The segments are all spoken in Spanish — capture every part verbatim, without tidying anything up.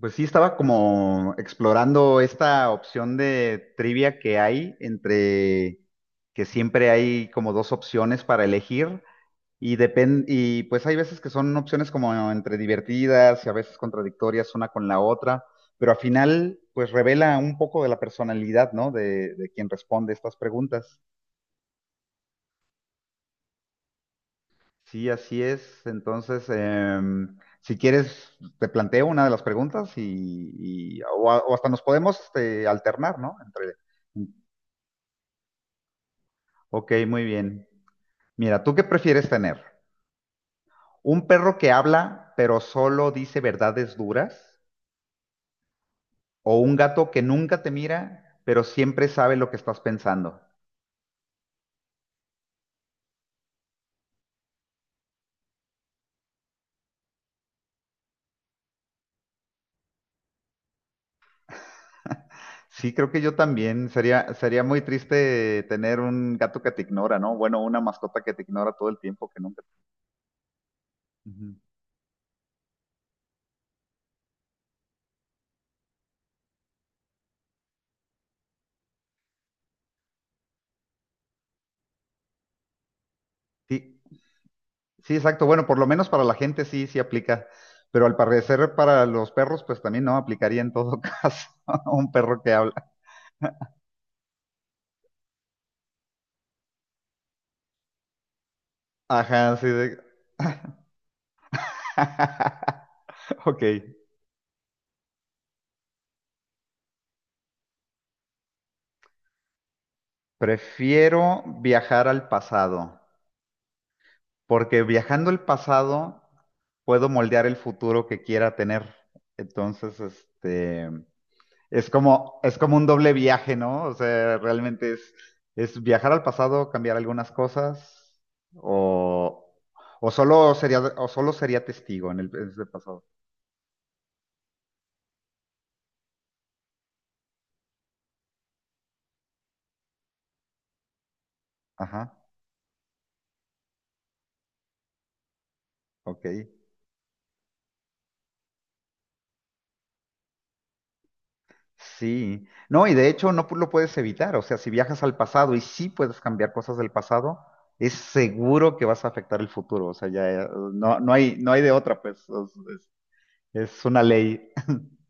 Pues sí, estaba como explorando esta opción de trivia que hay entre que siempre hay como dos opciones para elegir y depende y pues hay veces que son opciones como entre divertidas y a veces contradictorias una con la otra, pero al final pues revela un poco de la personalidad, ¿no? De, de quien responde estas preguntas. Sí, así es. Entonces, em, si quieres, te planteo una de las preguntas y, y- o, a- o hasta nos podemos este, alternar, ¿no? Entre... Ok, muy bien. Mira, ¿tú qué prefieres tener? ¿Un perro que habla pero solo dice verdades duras? ¿O un gato que nunca te mira pero siempre sabe lo que estás pensando? Sí, creo que yo también. Sería, sería muy triste tener un gato que te ignora, ¿no? Bueno, una mascota que te ignora todo el tiempo, que nunca... Ujú. Sí, sí, exacto. Bueno, por lo menos para la gente sí, sí aplica, pero al parecer para los perros, pues también no aplicaría en todo caso un perro que habla. Ajá, sí. De... Ok. Prefiero viajar al pasado, porque viajando al pasado puedo moldear el futuro que quiera tener. Entonces, este, es como, es como un doble viaje, ¿no? O sea, realmente es, es viajar al pasado, cambiar algunas cosas, o, o solo sería, o solo sería testigo en el, en ese pasado. Ajá, ok. Sí. No, y de hecho no pu- lo puedes evitar. O sea, si viajas al pasado y sí puedes cambiar cosas del pasado, es seguro que vas a afectar el futuro. O sea, ya eh, no, no hay, no hay de otra, pues. Es, es- es una ley.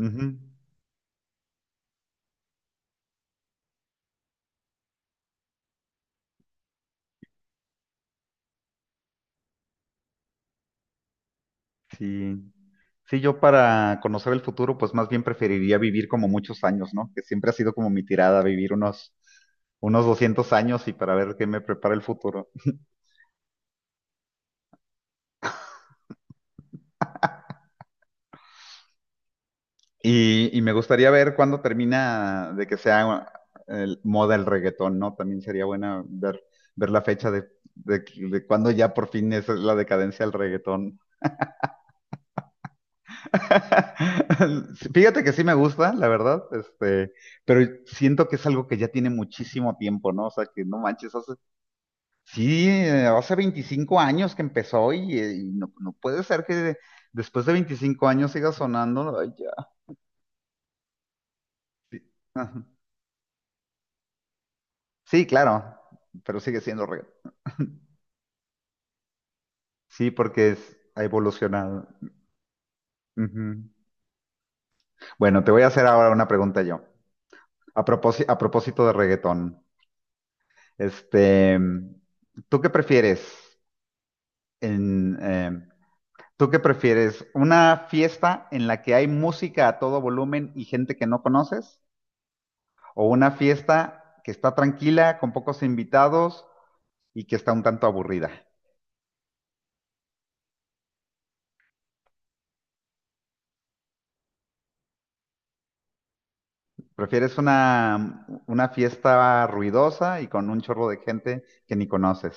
Ujú. Sí. Sí, yo para conocer el futuro, pues más bien preferiría vivir como muchos años, ¿no? Que siempre ha sido como mi tirada, vivir unos, unos doscientos años y para ver qué me prepara el futuro. Y, y me gustaría ver cuándo termina de que sea el, moda el reggaetón, ¿no? También sería buena ver, ver la fecha de, de, de cuándo ya por fin es la decadencia del reggaetón. Fíjate que sí me gusta, la verdad, este, pero siento que es algo que ya tiene muchísimo tiempo, ¿no? O sea, que no manches, hace sí, eh, hace veinticinco años que empezó y, eh, y no, no puede ser que después de veinticinco años siga sonando. Ay, ya. Sí, ajá. Sí, claro, pero sigue siendo reggaetón. Sí, porque es- ha evolucionado. Ujú. Bueno, te voy a hacer ahora una pregunta yo. A propósito, a propósito de reggaetón, este, ¿tú qué prefieres en, eh, ¿tú qué prefieres? ¿Una fiesta en la que hay música a todo volumen y gente que no conoces? ¿O una fiesta que está tranquila, con pocos invitados y que está un tanto aburrida? Prefieres una, una fiesta ruidosa y con un chorro de gente que ni conoces.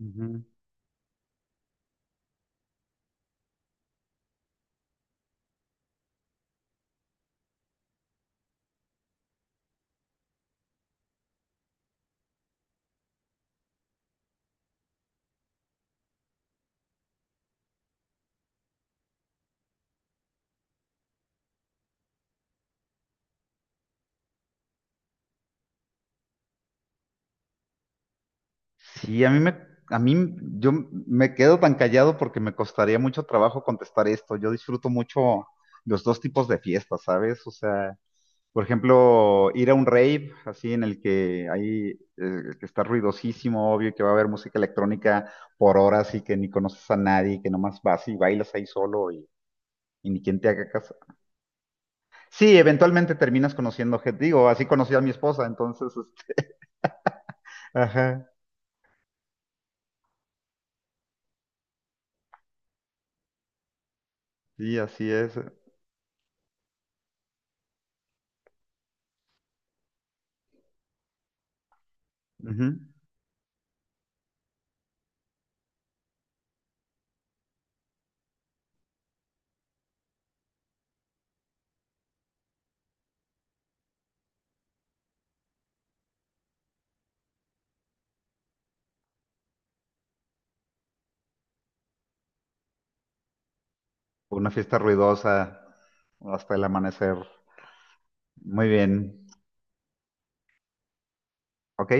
Ujú. Sí, a mí me, a mí yo me quedo tan callado porque me costaría mucho trabajo contestar esto. Yo disfruto mucho los dos tipos de fiestas, ¿sabes? O sea, por ejemplo, ir a un rave, así en el que hay, eh, que está ruidosísimo, obvio, que va a haber música electrónica por horas y que ni conoces a nadie, que nomás vas y bailas ahí solo y, y ni quien te haga caso. Sí, eventualmente terminas conociendo gente, digo, así conocí a mi esposa, entonces, es- ajá, sí, así es. Ujú. Una fiesta ruidosa hasta el amanecer. Muy bien, ok.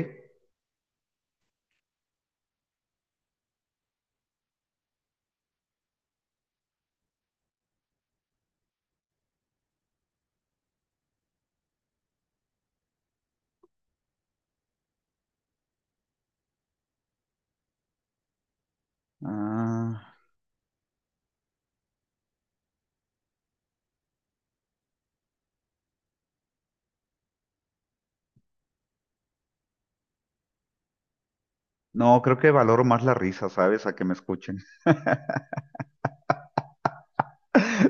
Ah, no, creo que valoro más la risa, ¿sabes? A que me escuchen.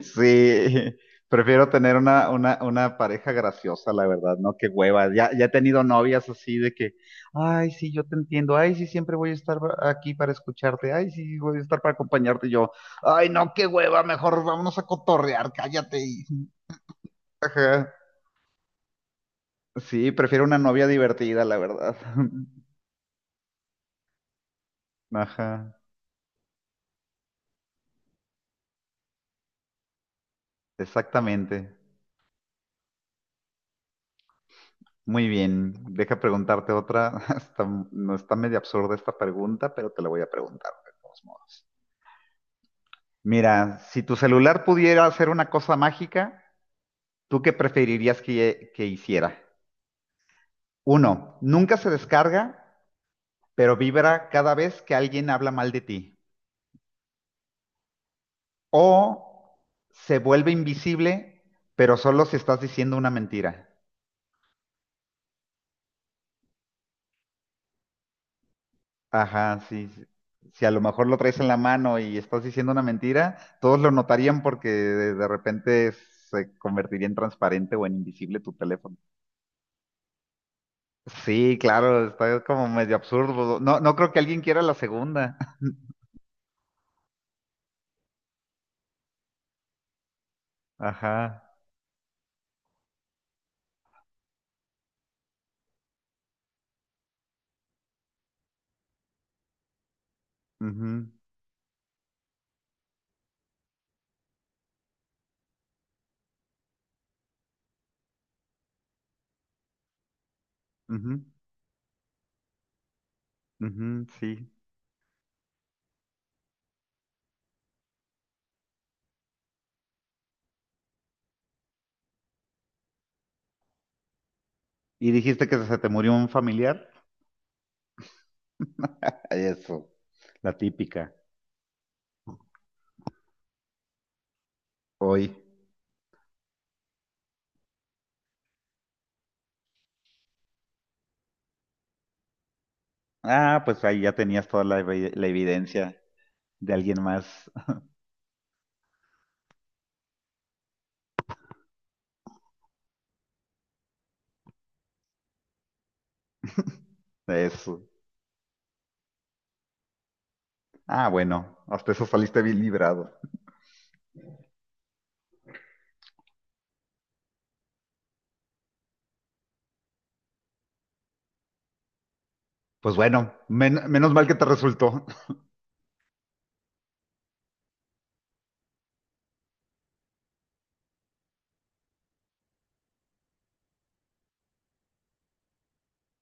Sí, prefiero tener una, una, una pareja graciosa, la verdad, ¿no? Qué hueva. Ya, ya he tenido novias así de que, ay, sí, yo te entiendo, ay, sí, siempre voy a estar aquí para escucharte, ay, sí, voy a estar para acompañarte. Y yo, ay, no, qué hueva, mejor vámonos a cotorrear, cállate. Y- ajá. Sí, prefiero una novia divertida, la verdad. Ajá, exactamente. Muy bien, deja preguntarte otra. Está- no está medio absurda esta pregunta, pero te la voy a preguntar de todos modos. Mira, si tu celular pudiera hacer una cosa mágica, ¿tú qué preferirías que, que hiciera? Uno, nunca se descarga, pero vibra cada vez que alguien habla mal de ti. O se vuelve invisible, pero solo si estás diciendo una mentira. Ajá, sí. Sí. Si a lo mejor lo traes en la mano y estás diciendo una mentira, todos lo notarían porque de de repente se convertiría en transparente o en invisible tu teléfono. Sí, claro, está como medio absurdo. No, no creo que alguien quiera la segunda. Ajá. Ujú, ujú, ujú, sí. ¿Y dijiste que se te murió un familiar? Ay, eso, la típica. Hoy. Ah, pues ahí ya tenías toda la, evi- la evidencia de alguien más de eso. Ah, bueno, hasta eso saliste bien librado. Pues bueno, men- menos mal que te resultó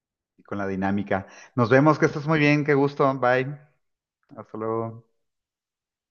con la dinámica. Nos vemos, que estés muy bien, qué gusto. Bye. Hasta luego.